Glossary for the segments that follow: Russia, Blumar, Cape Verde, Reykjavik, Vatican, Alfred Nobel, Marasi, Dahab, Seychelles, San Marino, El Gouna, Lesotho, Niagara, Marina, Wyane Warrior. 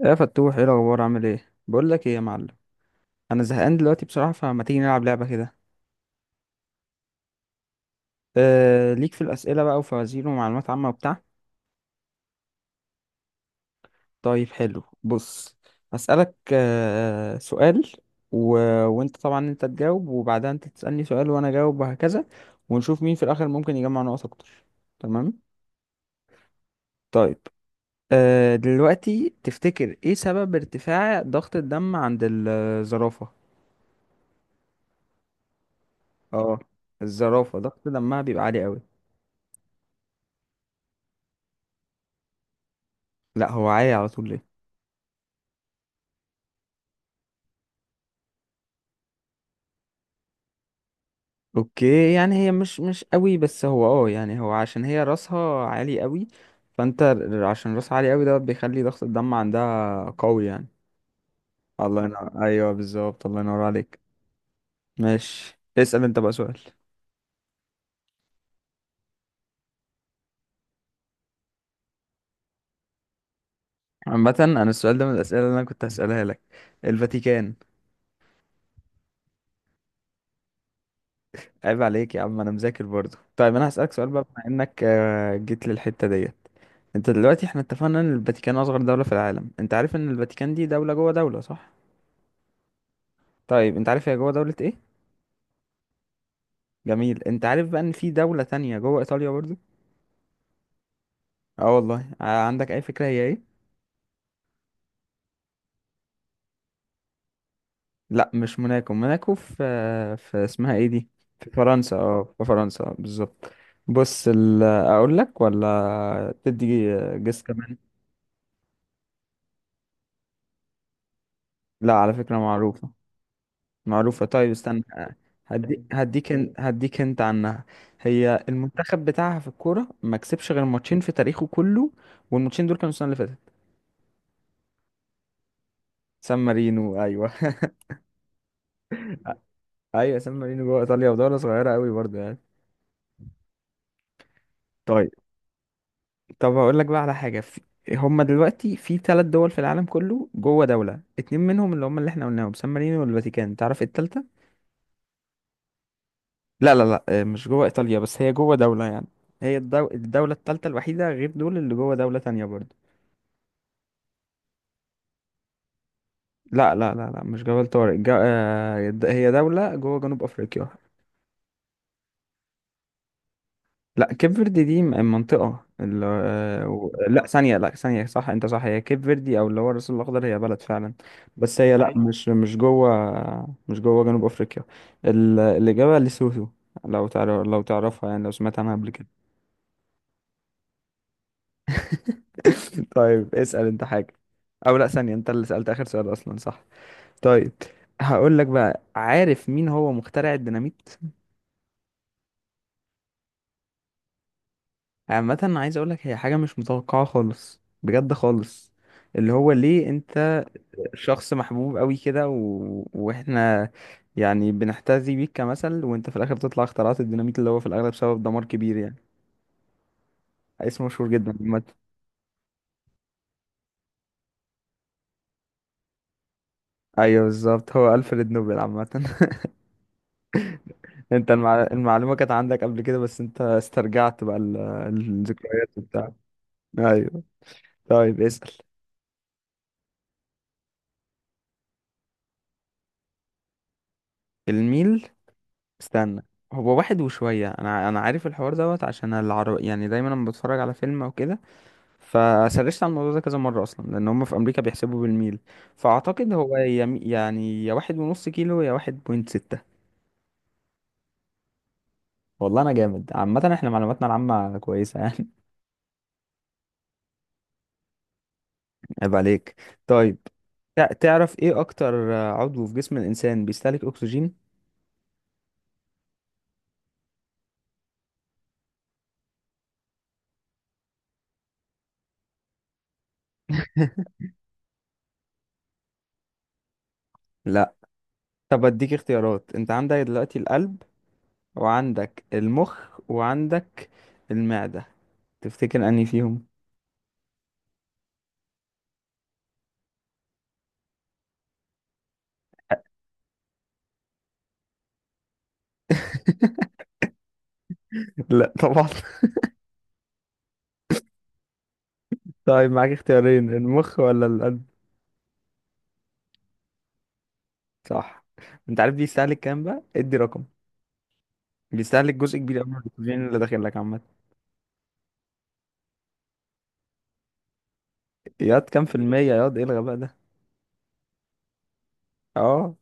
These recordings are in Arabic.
يا فتوح، ايه الاخبار؟ عامل ايه؟ بقول لك ايه يا معلم؟ انا زهقان دلوقتي بصراحه، فما تيجي نلعب لعبه كده؟ ليك في الاسئله بقى وفوازير ومعلومات عامه وبتاع. طيب، حلو، بص. هسالك سؤال و... وانت طبعا، انت تجاوب وبعدها انت تسالني سؤال وانا اجاوب، وهكذا. ونشوف مين في الاخر ممكن يجمع نقط اكتر. تمام، طيب. دلوقتي تفتكر ايه سبب ارتفاع ضغط الدم عند الزرافه؟ اه، الزرافه ضغط دمها بيبقى عالي قوي. لا هو عالي على طول ليه. اوكي يعني هي مش قوي، بس هو اه يعني هو عشان هي راسها عالي قوي. عشان راسها عالي قوي ده بيخلي ضغط الدم عندها قوي يعني. الله ينور، ايوه بالظبط، الله ينور عليك. ماشي، اسأل انت بقى سؤال. عامة انا السؤال ده من الاسئلة اللي انا كنت هسألها لك. الفاتيكان. عيب عليك يا عم، انا مذاكر برضه. طيب انا هسألك سؤال بقى بما انك جيت للحتة ديت. انت دلوقتي احنا اتفقنا ان الفاتيكان اصغر دولة في العالم. انت عارف ان الفاتيكان دي دولة جوه دولة، صح؟ طيب انت عارف هي جوه دولة ايه؟ جميل. انت عارف بقى ان في دولة تانية جوه ايطاليا برضو؟ اه والله. عندك اي فكرة هي ايه؟ لا مش موناكو، موناكو في، في اسمها ايه دي، في فرنسا، اه في فرنسا اه، بالظبط. بص اقول لك ولا تدي جس كمان؟ لا على فكرة معروفة، معروفة. طيب استنى، هديك انت عنها. هي المنتخب بتاعها في الكورة ما كسبش غير ماتشين في تاريخه كله، والماتشين دول كانوا السنة اللي فاتت. سان مارينو ايوه ايوه سان مارينو جوه ايطاليا، ودوله صغيره قوي برضه يعني. طيب، طب هقول لك بقى على حاجة هما دلوقتي في ثلاث دول في العالم كله جوه دولة. اتنين منهم اللي هما اللي احنا قلناهم سان مارينو والفاتيكان، تعرف إيه التالتة؟ لا لا لا مش جوه إيطاليا بس هي جوه دولة يعني. هي الدولة التالتة الوحيدة غير دول اللي جوه دولة تانية برضه. لا لا لا لا، مش جبل طارق، هي دولة جوه جنوب أفريقيا. لا كيب فيردي دي منطقة لا ثانية، لا ثانية صح، انت صح، هي كيب فيردي او اللي هو الرأس الأخضر، هي بلد فعلا، بس هي لا ايوه مش مش جوه، مش جوه جنوب افريقيا. الإجابة لسوتو. لو تعرف، لو تعرفها يعني، لو سمعت عنها قبل كده. طيب اسأل انت حاجة. او لا ثانية، انت اللي سألت آخر سؤال اصلا صح. طيب هقول لك بقى، عارف مين هو مخترع الديناميت؟ عامة عايز اقول لك هي حاجة مش متوقعة خالص، بجد خالص. اللي هو ليه انت شخص محبوب قوي كده واحنا يعني بنحتذي بيك كمثل، وانت في الاخر تطلع اخترعت الديناميت اللي هو في الاغلب سبب دمار كبير يعني. اسم مشهور جدا عامة. ايوه بالظبط، هو ألفريد نوبل عامة. انت المعلومة كانت عندك قبل كده، بس انت استرجعت بقى الذكريات وبتاع. ايوه. طيب اسأل. الميل. استنى، هو واحد وشوية، انا عارف الحوار دوت. عشان العرب يعني دايما لما بتفرج على فيلم او كده فسرشت على الموضوع ده كذا مرة أصلا، لأن هم في أمريكا بيحسبوا بالميل. فأعتقد هو يعني يا واحد ونص كيلو يا واحد بوينت ستة. والله أنا جامد، عامة احنا معلوماتنا العامة كويسة يعني. عيب عليك. طيب، تعرف إيه أكتر عضو في جسم الإنسان بيستهلك أكسجين؟ لا. طب أديك اختيارات، أنت عندك دلوقتي القلب وعندك المخ وعندك المعدة، تفتكر أنهي فيهم؟ لا طبعا. طيب معاك اختيارين، المخ ولا القلب؟ صح. انت عارف بيستهلك كام بقى؟ ادي رقم. بيستهلك جزء كبير قوي من الاكسجين اللي داخل لك عامه. ياض كام في المية، ياض الغى بقى ده. اه.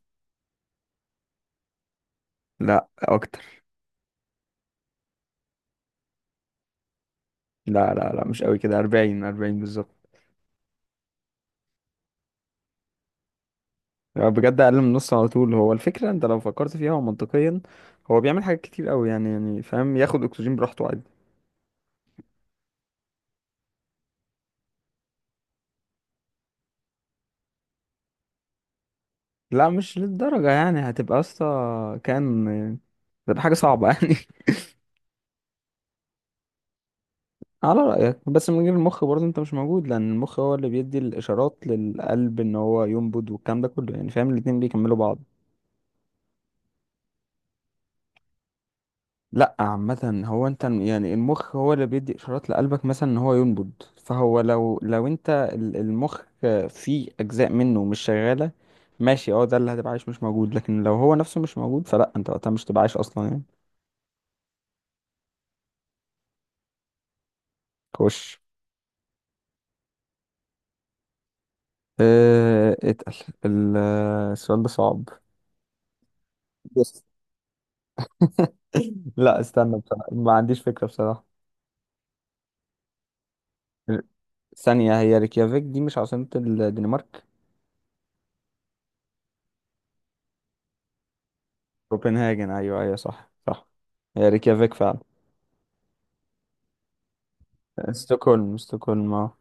لا اكتر. لا لا لا، مش قوي كده، 40، 40 بالظبط. يعني بجد اقل من نص على طول. هو الفكره انت لو فكرت فيها ومنطقيا، هو بيعمل حاجات كتير قوي يعني، يعني فاهم، ياخد اكسجين براحته عادي. لا مش للدرجه، يعني هتبقى يا اسطى، كان، هتبقى حاجه صعبه يعني على رأيك بس من غير المخ برضه انت مش موجود، لأن المخ هو اللي بيدي الإشارات للقلب ان هو ينبض والكلام ده كله يعني، فاهم الاتنين بيكملوا بعض. لا عامة هو انت يعني المخ هو اللي بيدي إشارات لقلبك مثلا ان هو ينبض، فهو لو المخ فيه أجزاء منه مش شغالة، ماشي اه ده اللي هتبقى عايش مش موجود. لكن لو هو نفسه مش موجود فلا، انت وقتها مش تبقى عايش أصلا يعني. خش. اه اتقل. ال- السؤال ده صعب. بص. لا استنى بصراحة، ما عنديش فكرة بصراحة. ثانية، هي ريكيافيك دي مش عاصمة الدنمارك؟ كوبنهاجن، أيوة أيوة صح صح، هي ريكيافيك فعلا. ستوكهولم، ستوكهولم اه.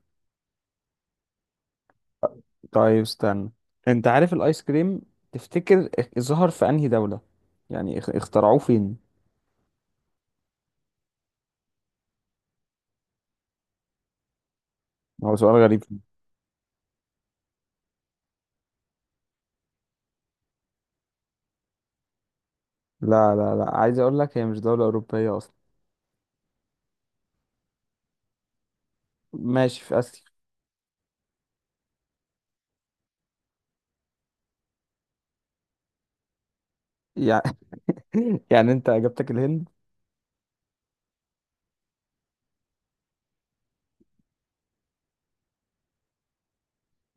طيب استنى، أنت عارف الآيس كريم، تفتكر ظهر في أنهي دولة؟ يعني اخترعوه فين؟ هو سؤال غريب. لا لا لا، عايز أقول لك هي مش دولة أوروبية أصلا. ماشي في آسيا يعني. يعني أنت إجابتك الهند؟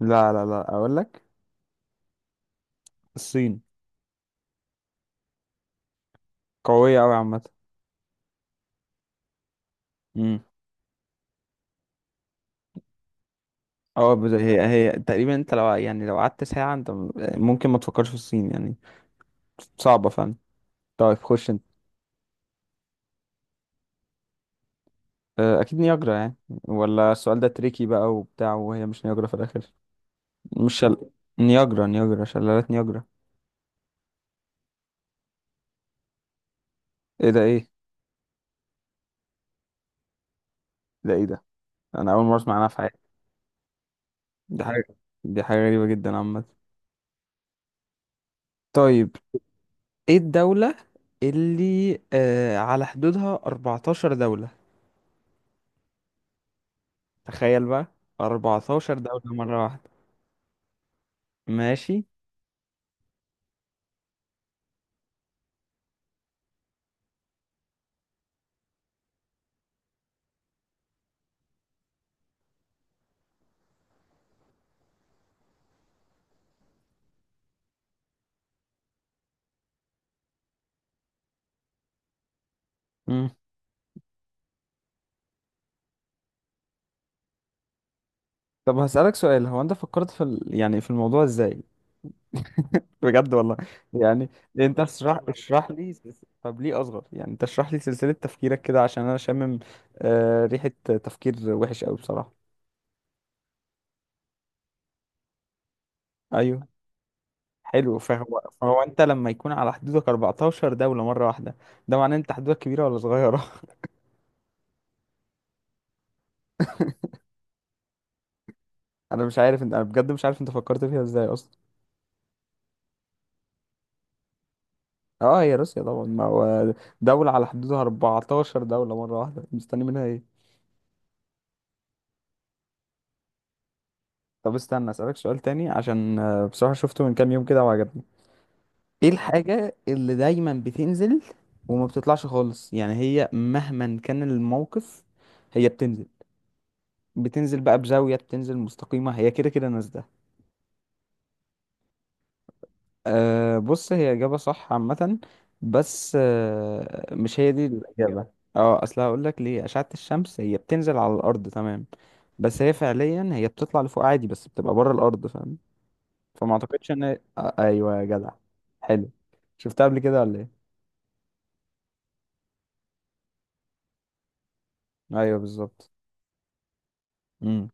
لا لا لا، أقول لك الصين. قوية أوي عامة. اه هي هي تقريبا انت لو يعني، لو قعدت ساعة انت ممكن ما تفكرش في الصين يعني. صعبة فعلا. طيب خش انت. اكيد نياجرا يعني، ولا السؤال ده تريكي بقى وبتاع وهي مش نياجرا في الاخر؟ مش شل... نياجرا، نياجرا، شلالات نياجرا. ايه ده؟ ايه ده؟ ايه ده؟ انا اول مرة اسمع عنها في حياتي. دي حاجة، دي حاجة غريبة جدا عامة. طيب، ايه الدولة اللي على حدودها 14 دولة؟ تخيل بقى، 14 دولة مرة واحدة. ماشي. طب هسألك سؤال، هو انت فكرت يعني في الموضوع ازاي؟ بجد والله. يعني انت اشرح، طب ليه اصغر يعني، انت اشرح لي سلسلة تفكيرك كده، عشان انا شامم ريحة تفكير وحش قوي بصراحة. ايوه. حلو، فهو انت لما يكون على حدودك 14 دولة مرة واحدة، ده معناه ان انت حدودك كبيرة ولا صغيرة؟ انا مش عارف انت، انا بجد مش عارف انت فكرت فيها ازاي اصلا. اه هي روسيا طبعا، ما هو دولة على حدودها 14 دولة مرة واحدة، مستني منها. طب استنى اسألك سؤال تاني عشان بصراحة شفته من كام يوم كده وعجبني. ايه الحاجة اللي دايما بتنزل وما بتطلعش خالص؟ يعني هي مهما كان الموقف هي بتنزل، بتنزل بقى بزاوية، بتنزل مستقيمة، هي كده كده نازلة. أه بص هي إجابة صح عامة، بس أه مش هي دي الإجابة. اه اصل هقول لك ليه، أشعة الشمس هي بتنزل على الأرض تمام، بس هي فعليا هي بتطلع لفوق عادي بس بتبقى بره الأرض، فاهم؟ فما اعتقدش ان ايوه يا جدع. حلو، شفتها قبل كده ولا ايه؟ ايوه بالظبط. امم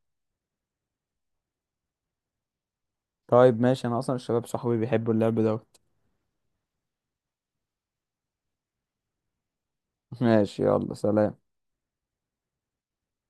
طيب ماشي، انا اصلا الشباب صحابي بيحبوا اللعب دوت. ماشي يلا، سلام.